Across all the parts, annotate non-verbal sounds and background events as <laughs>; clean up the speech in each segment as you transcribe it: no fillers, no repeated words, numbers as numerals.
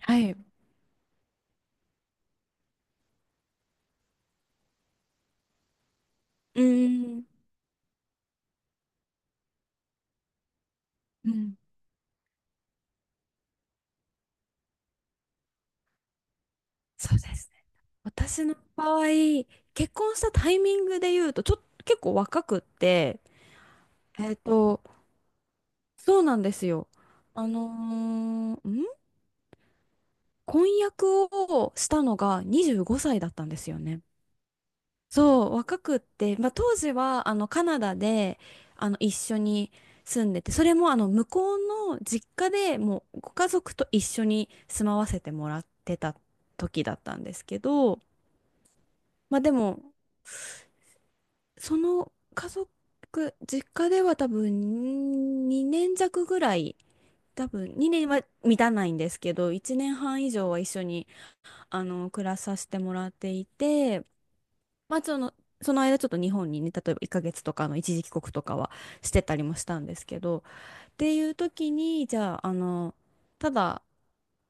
はい。うーん。うん。そうですね。私の場合、結婚したタイミングで言うと、ちょっと結構若くって、えっと、そうなんですよ。あのーん婚約をしたのが25歳だったんですよね。そう、若くって、まあ、当時はカナダで一緒に住んでて、それも向こうの実家でもうご家族と一緒に住まわせてもらってた時だったんですけど、まあでも、その家族、実家では多分2年弱ぐらい、多分2年は満たないんですけど、1年半以上は一緒に暮らさせてもらっていて、まあその、その間ちょっと日本にね、例えば1ヶ月とかの一時帰国とかはしてたりもしたんですけど、っていう時に、じゃあ、ただ、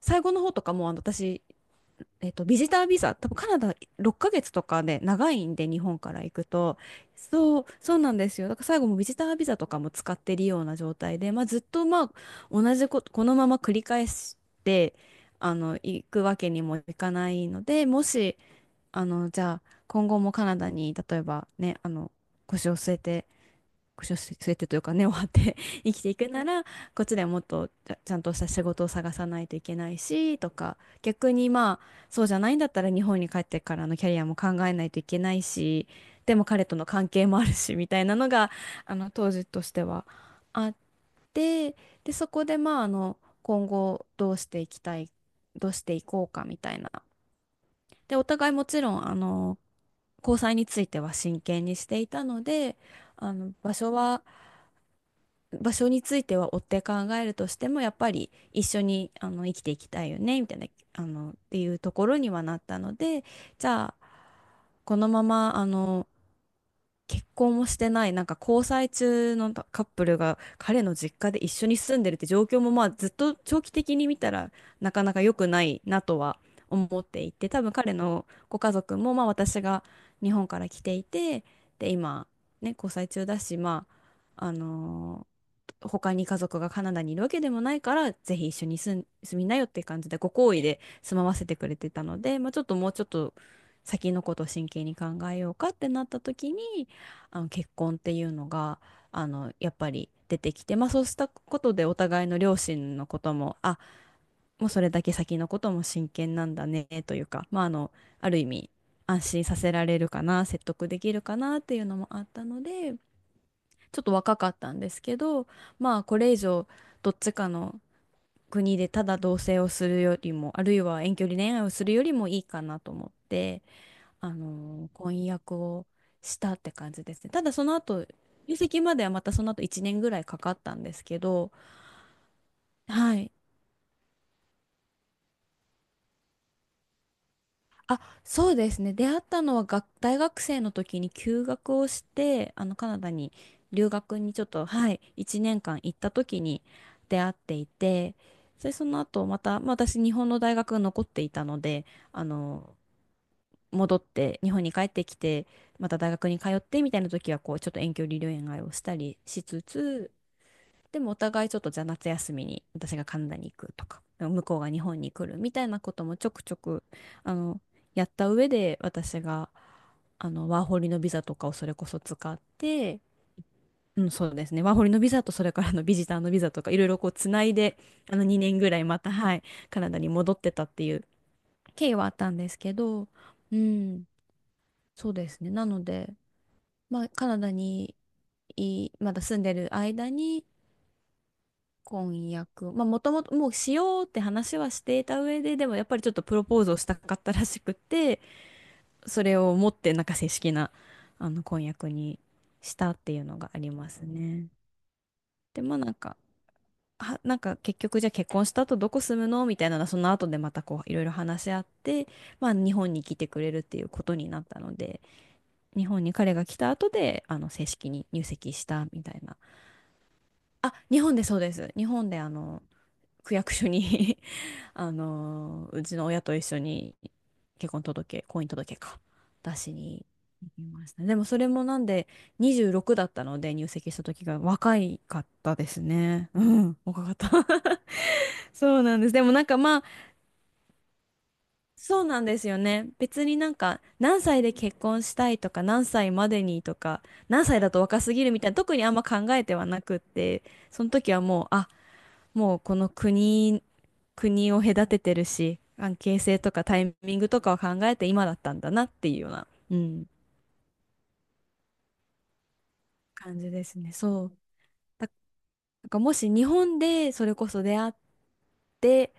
最後の方とかもう私、ビジタービザ、多分カナダ6ヶ月とかで長いんで、日本から行くと。そう、そうなんですよ。だから最後もビジタービザとかも使ってるような状態で、まあ、ずっとまあ同じこと、このまま繰り返して、行くわけにもいかないので、もし、じゃあ、今後もカナダに、例えばね、腰を据えて、スウ据えてというか根を張って生きていくなら <laughs> こっちでもっとちゃんとした仕事を探さないといけないしとか、逆にまあそうじゃないんだったら日本に帰ってからのキャリアも考えないといけないし、でも彼との関係もあるしみたいなのが当時としてはあって、でそこでまあ今後どうしていきたい、どうしていこうかみたいな。でお互いもちろん交際については真剣にしていたので、場所は、場所については追って考えるとしてもやっぱり一緒に生きていきたいよねみたいな、っていうところにはなったので、じゃあこのまま結婚もしてないなんか交際中のカップルが彼の実家で一緒に住んでるって状況もまあずっと長期的に見たらなかなか良くないなとは思っていて、多分彼のご家族もまあ私が日本から来ていて、で今ね交際中だし、まあ他に家族がカナダにいるわけでもないから、ぜひ一緒に住みなよって感じで、ご好意で住まわせてくれてたので、まあ、ちょっともうちょっと先のことを真剣に考えようかってなった時に、結婚っていうのが、やっぱり出てきて、まあそうしたことでお互いの両親のことも、あ、もうそれだけ先のことも真剣なんだね、というか、まあある意味、安心させられるかな、説得できるかなっていうのもあったので、ちょっと若かったんですけど、まあこれ以上どっちかの国でただ同棲をするよりも、あるいは遠距離恋愛をするよりもいいかなと思って、婚約をしたって感じですね。ただその後、入籍まではまたその後1年ぐらいかかったんですけど、はい。あ、そうですね。出会ったのは大学生の時に休学をして、カナダに留学にちょっと、はい、1年間行った時に出会っていて、で、その後また、まあ、私日本の大学が残っていたので、あの、戻って日本に帰ってきて、また大学に通ってみたいな時はこうちょっと遠距離恋愛をしたりしつつ、でもお互いちょっとじゃあ夏休みに私がカナダに行くとか、向こうが日本に来るみたいなこともちょくちょくあの、やった上で私が、ワーホリのビザとかをそれこそ使って、うん、そうですね。ワーホリのビザとそれからのビジターのビザとかいろいろこうつないで、2年ぐらいまた、はい、カナダに戻ってたっていう経緯はあったんですけど、うん、そうですね。なので、まあ、カナダにいまだ住んでる間に、婚約。まあ、もともともうしようって話はしていた上で、でもやっぱりちょっとプロポーズをしたかったらしくて、それを持ってなんか正式な、婚約にしたっていうのがありますね。で、まあなんか、なんか結局じゃあ結婚した後どこ住むのみたいなのはその後でまたこういろいろ話し合って、まあ日本に来てくれるっていうことになったので、日本に彼が来た後で、正式に入籍したみたいな。あ、日本でそうです。日本で区役所に <laughs> うちの親と一緒に結婚届、婚姻届か、出しに行きましたね。でもそれもなんで26だったので入籍した時が若いかったですね。うん、若かった。 <laughs> そうなんです。でもなんかまあ、そうなんですよね。別になんか何歳で結婚したいとか何歳までにとか何歳だと若すぎるみたいな、特にあんま考えてはなくって、その時はもうもうこの国、国を隔ててるし、関係性とかタイミングとかを考えて今だったんだなっていうような、うん、感じですね。そう。だなんかもし日本でそれこそ出会って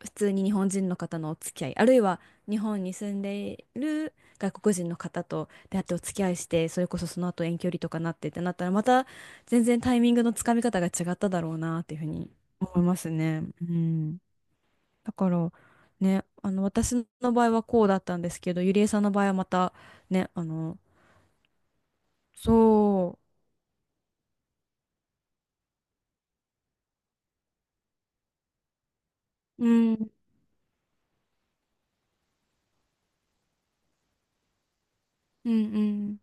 普通に日本人の方のお付き合い、あるいは日本に住んでいる外国人の方と出会ってお付き合いして、それこそその後遠距離とかなってってなったら、また全然タイミングのつかみ方が違っただろうなっていうふうに思いますね。うん。だから、ね、私の場合はこうだったんですけど、ゆりえさんの場合はまた、ね、そう、うん、うん、うん、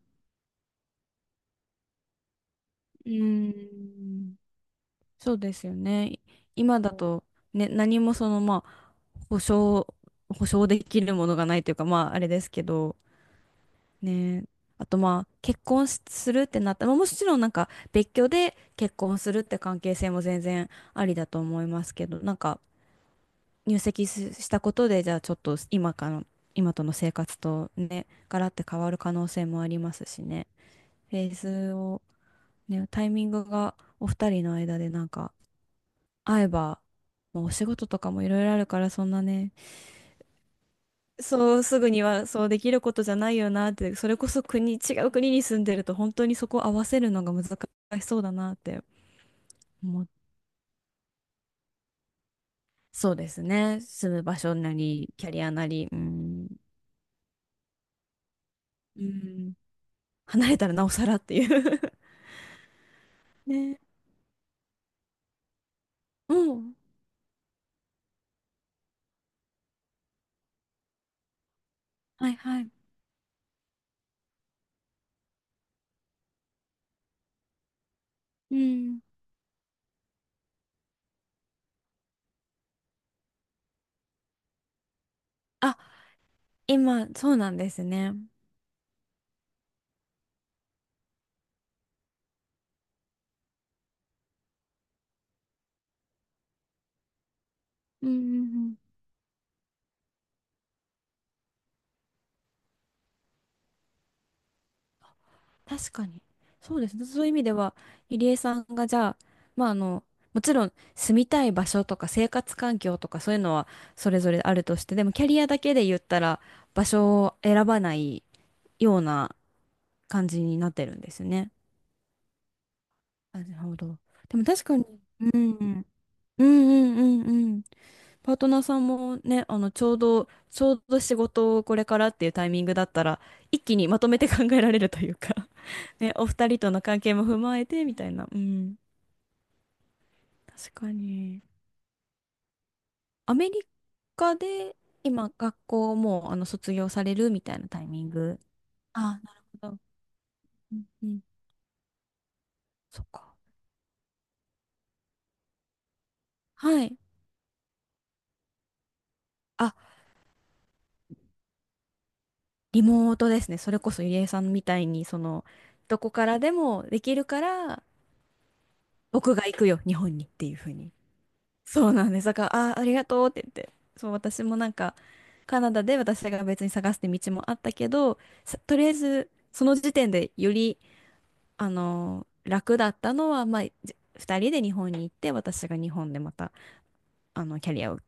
うん。そうですよね。今だと、ね、何もその、まあ、保証、保証できるものがないというか、まあ、あれですけど、ね。あと、まあ、結婚するってなったら、まあもちろんなんか、別居で結婚するって関係性も全然ありだと思いますけど、なんか、入籍したことで、じゃあ、ちょっと今との生活とね、ガラッて変わる可能性もありますしね。フェーズを、ね、タイミングがお二人の間でなんか、会えば、まあ、お仕事とかもいろいろあるから、そんなね、そうすぐにはそうできることじゃないよなって、それこそ違う国に住んでると本当にそこを合わせるのが難しそうだなって思う。そうですね。住む場所なり、キャリアなり、うん、うん、離れたらなおさらっていう <laughs> ね。うん。はいはい。うん。あ、今、そうなんですね。うんうんうん。確かに。そうですね。そういう意味では、入江さんがじゃあ、まあもちろん住みたい場所とか生活環境とかそういうのはそれぞれあるとして、でもキャリアだけで言ったら場所を選ばないような感じになってるんですね。なるほど。でも確かに、うん、うんうんうんうん。パートナーさんもね、ちょうど仕事をこれからっていうタイミングだったら、一気にまとめて考えられるというか <laughs> ね、お二人との関係も踏まえてみたいな。うん。確かに。アメリカで今、学校もう、卒業されるみたいなタイミング。あ、なるほど。うんうん。そっか。はい。あ、リモートですね。それこそ、ゆりえさんみたいに、その、どこからでもできるから、僕が行くよ、日本にっていうふうに。そうなんです。だから、ありがとうって言って。そう、私もなんか、カナダで私が別に探すって道もあったけど、とりあえず、その時点でより、楽だったのは、まあ、二人で日本に行って、私が日本でまた、キャリアを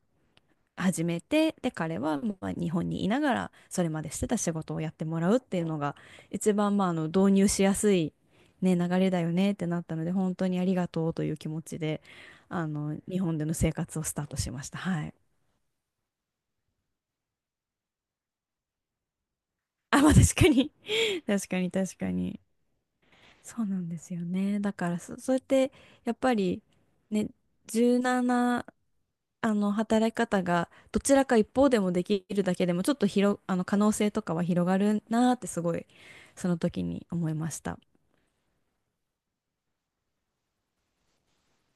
始めて、で、彼はまあ日本にいながら、それまでしてた仕事をやってもらうっていうのが、一番、まあ、導入しやすい、ね、流れだよねってなったので、本当にありがとうという気持ちで、日本での生活をスタートしました。はい。あ、まあ、確かに <laughs> 確かに、確かに。そうなんですよね。だからそうやって、やっぱり、ね、1なな働き方がどちらか一方でもできるだけでもちょっと広、あの可能性とかは広がるなーってすごいその時に思いました。